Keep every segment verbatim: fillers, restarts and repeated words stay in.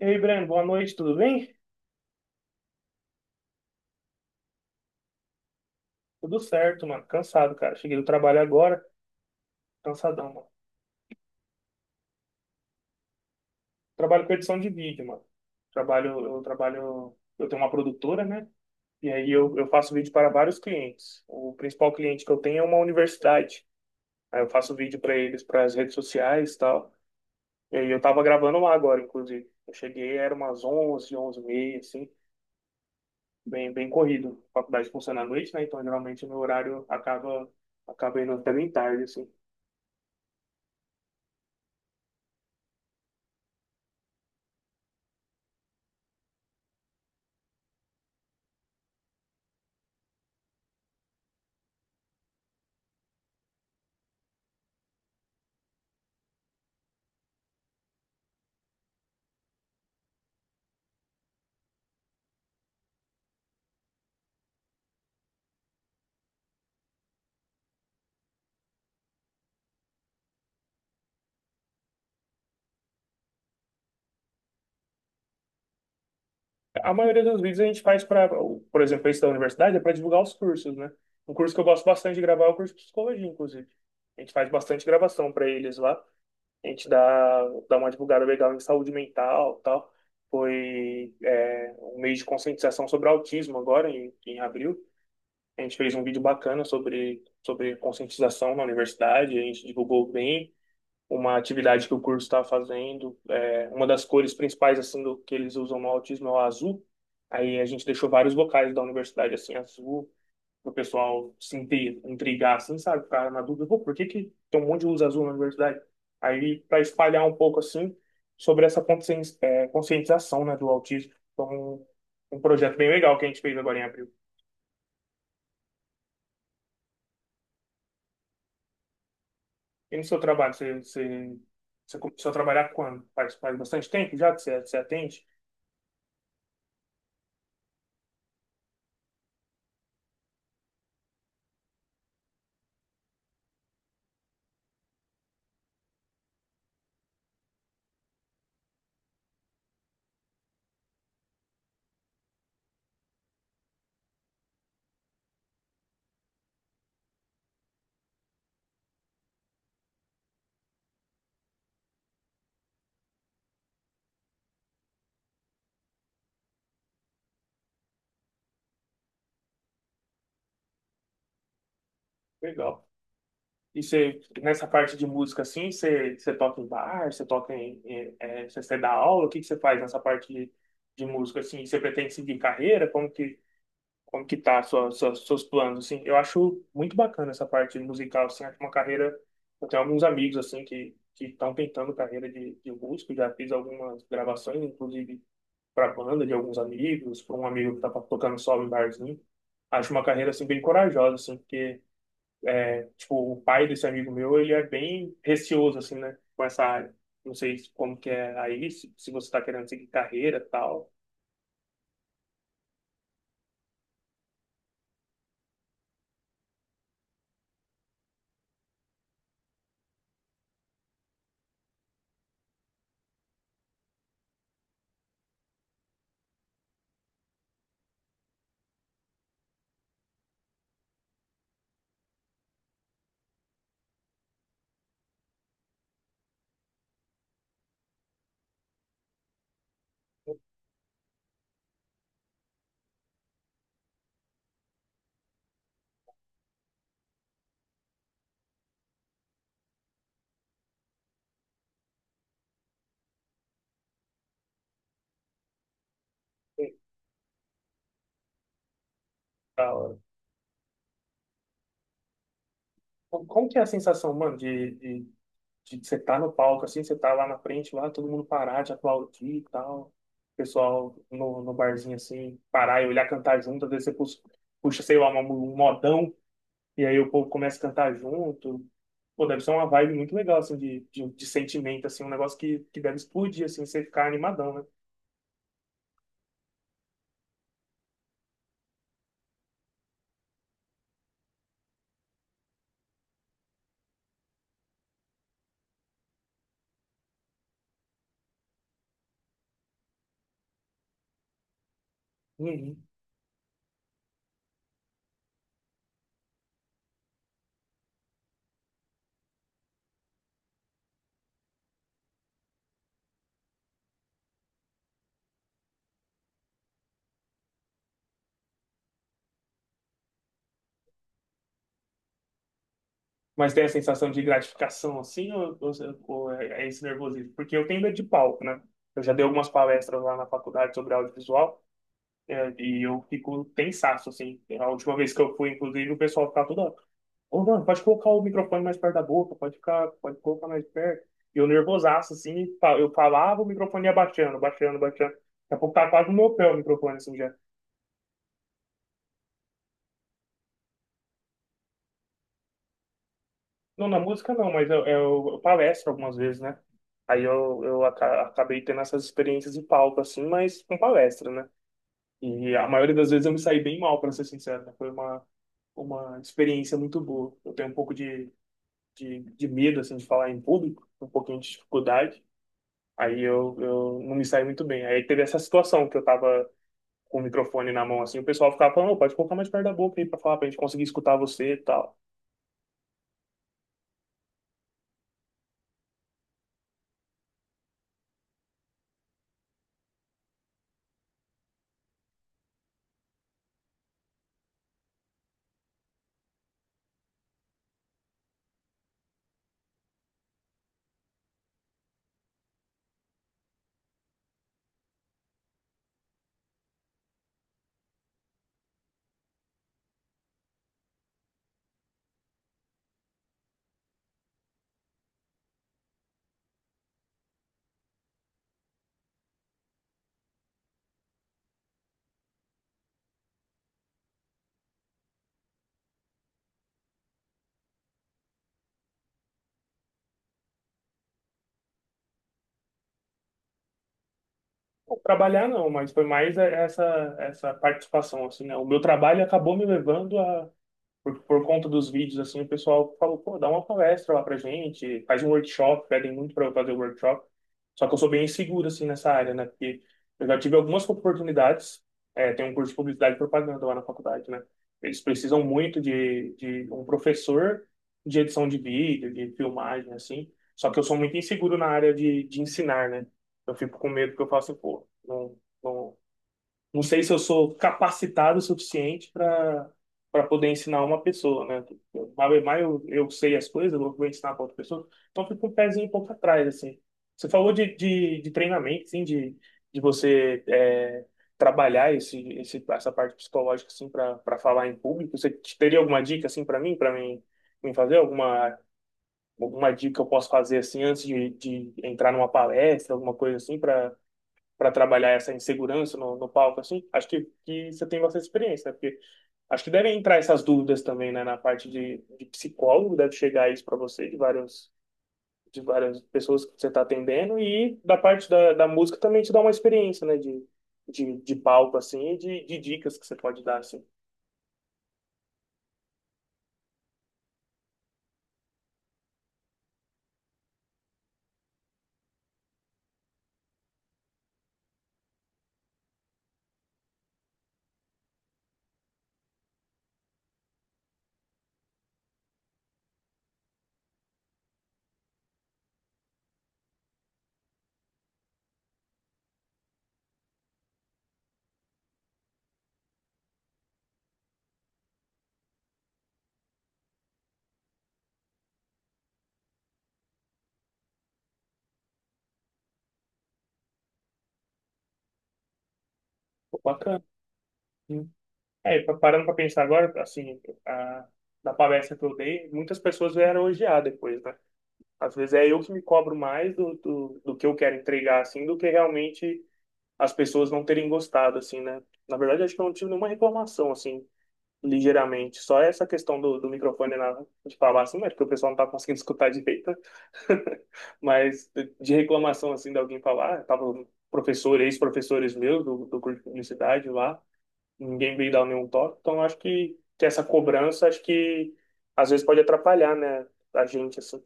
E aí, Breno, boa noite, tudo bem? Tudo certo, mano. Cansado, cara. Cheguei do trabalho agora, cansadão, mano. Trabalho com edição de vídeo, mano. Trabalho, eu trabalho, eu tenho uma produtora, né? E aí eu, eu faço vídeo para vários clientes. O principal cliente que eu tenho é uma universidade. Aí eu faço vídeo para eles, para as redes sociais e tal. E aí eu tava gravando lá agora, inclusive. Eu cheguei, era umas onze, onze e meia, assim, bem, bem corrido. A faculdade funciona à noite, né? Então geralmente o meu horário acaba, acaba indo até bem tarde, assim. A maioria dos vídeos a gente faz para, por exemplo, esse da universidade é para divulgar os cursos, né? Um curso que eu gosto bastante de gravar é o curso de psicologia, inclusive. A gente faz bastante gravação para eles lá. A gente dá, dá uma divulgada legal em saúde mental, tal. Foi, é, um mês de conscientização sobre autismo agora, em, em, abril. A gente fez um vídeo bacana sobre, sobre conscientização na universidade. A gente divulgou bem uma atividade que o curso está fazendo. É, uma das cores principais assim do que eles usam no autismo é o azul. Aí a gente deixou vários locais da universidade assim azul, para o pessoal se intri- intrigar, assim, sabe? Ficar na dúvida, pô, por que que tem um monte de luz azul na universidade? Aí para espalhar um pouco assim sobre essa conscien- é, conscientização, né, do autismo. Então, um projeto bem legal que a gente fez agora em abril. E no seu trabalho, você, você, você começou a trabalhar quando? Faz, faz bastante tempo já que você, você atende? Legal. E você, nessa parte de música assim, você, você toca em bar, você toca em, em- é, você você dá aula. O que que você faz nessa parte de, de música assim? Você pretende seguir carreira? Como que, como que tá a sua, sua- seus planos assim? Eu acho muito bacana essa parte musical assim, acho uma carreira, eu tenho alguns amigos assim que que estão tentando carreira de, de músico, já fiz algumas gravações, inclusive para banda de alguns amigos, para um amigo que tá tocando solo em barzinho. Acho uma carreira assim bem corajosa assim, porque, tipo, o pai desse amigo meu, ele é bem receoso, assim, né? Com essa área. Não sei se- como que é aí, se, se você tá querendo seguir carreira e tal. e tal. Como como que é a sensação, mano, de, de, de você tá no palco, assim, você tá lá na frente, lá, todo mundo parar, te aplaudir e tal. O pessoal no, no, barzinho, assim, parar e olhar cantar junto, às vezes você puxa, puxa, sei lá, uma- um modão. E aí o povo começa a cantar junto. Pô, deve ser uma vibe muito legal, assim, de, de, de, sentimento, assim, um negócio que, que deve explodir, assim, você ficar animadão, né? Uhum. Mas tem a sensação de gratificação, assim, ou, ou, ou, é é esse nervosismo? Porque eu tenho medo de palco, né? Eu já dei algumas palestras lá na faculdade sobre audiovisual. É, e eu fico tensaço, assim. É. A última vez que eu fui, inclusive, o pessoal ficava toda. Ô, mano, pode colocar o microfone mais perto da boca, pode ficar, pode colocar mais perto. E eu nervosaço, assim, fa- eu falava, o microfone ia baixando, baixando, baixando. Daqui a pouco tá quase no meu pé o microfone, assim, já. Não, na música não, mas eu, eu, eu palestro algumas vezes, né? Aí eu, eu aca- acabei tendo essas experiências de palco, assim, mas com palestra, né? E a maioria das vezes eu me saí bem mal, pra ser sincero, né? Foi uma, uma experiência muito boa. Eu tenho um pouco de de, de medo, assim, de falar em público, um pouquinho de dificuldade. Aí eu, eu não me saí muito bem. Aí teve essa situação que eu tava com o microfone na mão, assim, o pessoal ficava falando: "Ô, pode colocar mais perto da boca aí pra falar, pra gente conseguir escutar você e tal." Pô, trabalhar não, mas foi mais é, essa, essa, participação, assim, né? O meu trabalho acabou me levando a por, por conta dos vídeos, assim. O pessoal falou: "Pô, dá uma palestra lá pra gente, faz um workshop." Pedem muito pra eu fazer o workshop. Só que eu sou bem inseguro, assim, nessa área, né? Porque eu já tive algumas oportunidades. É, tem um curso de publicidade e propaganda lá na faculdade, né? Eles precisam muito de, de um professor de edição de vídeo, de filmagem, assim. Só que eu sou muito inseguro na área de, de, ensinar, né? Eu fico com medo que eu faço, pô, não, não não sei se eu sou capacitado o suficiente para para poder ensinar uma pessoa, né? Vai mais eu, eu sei as coisas, eu vou ensinar para outra pessoa. Então fica um pezinho um pouco atrás, assim. Você falou de, de, de treinamento, assim, de, de você é, trabalhar esse, esse, essa parte psicológica, assim, para para falar em público. Você teria alguma dica, assim, para mim, para mim, mim fazer? Alguma, alguma dica que eu posso fazer, assim, antes de, de, entrar numa palestra, alguma coisa assim, para para trabalhar essa insegurança no, no, palco, assim. Acho que, que você tem bastante experiência, né? Porque acho que devem entrar essas dúvidas também, né, na parte de, de psicólogo, deve chegar isso para você, de vários de várias pessoas que você está atendendo, e da parte da, da, música também te dá uma experiência, né, de, de, de, palco, assim, e de, de dicas que você pode dar, assim. Pô, bacana. Sim. É, e pa- parando para pensar agora, assim, a, da palestra que eu dei, muitas pessoas vieram elogiar depois, né? Às vezes é eu que me cobro mais do, do, do, que eu quero entregar, assim, do que realmente as pessoas não terem gostado, assim, né? Na verdade, acho que eu não tive nenhuma reclamação, assim, ligeiramente. Só essa questão do, do, microfone na, de falar, assim, né? Porque o pessoal não tá conseguindo escutar direito. Mas de reclamação, assim, de alguém falar, ah, tava professor, ex-professores meus do, do, curso de publicidade lá, ninguém veio dar nenhum toque. Então, acho que, que essa cobrança, acho que às vezes pode atrapalhar, né? A gente, assim.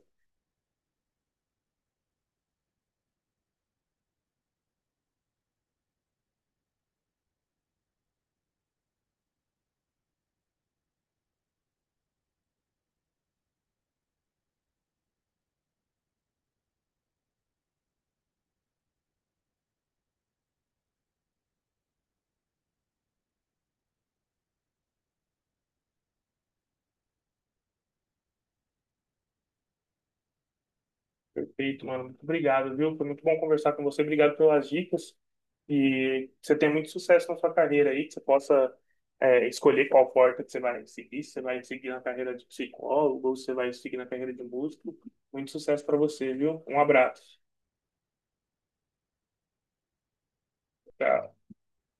Perfeito, mano. Muito obrigado, viu? Foi muito bom conversar com você. Obrigado pelas dicas. E que você tenha muito sucesso na sua carreira aí, que você possa é, escolher qual porta que você vai seguir. Se você vai seguir na carreira de psicólogo ou se você vai seguir na carreira de músico. Muito sucesso para você, viu? Um abraço. Tchau.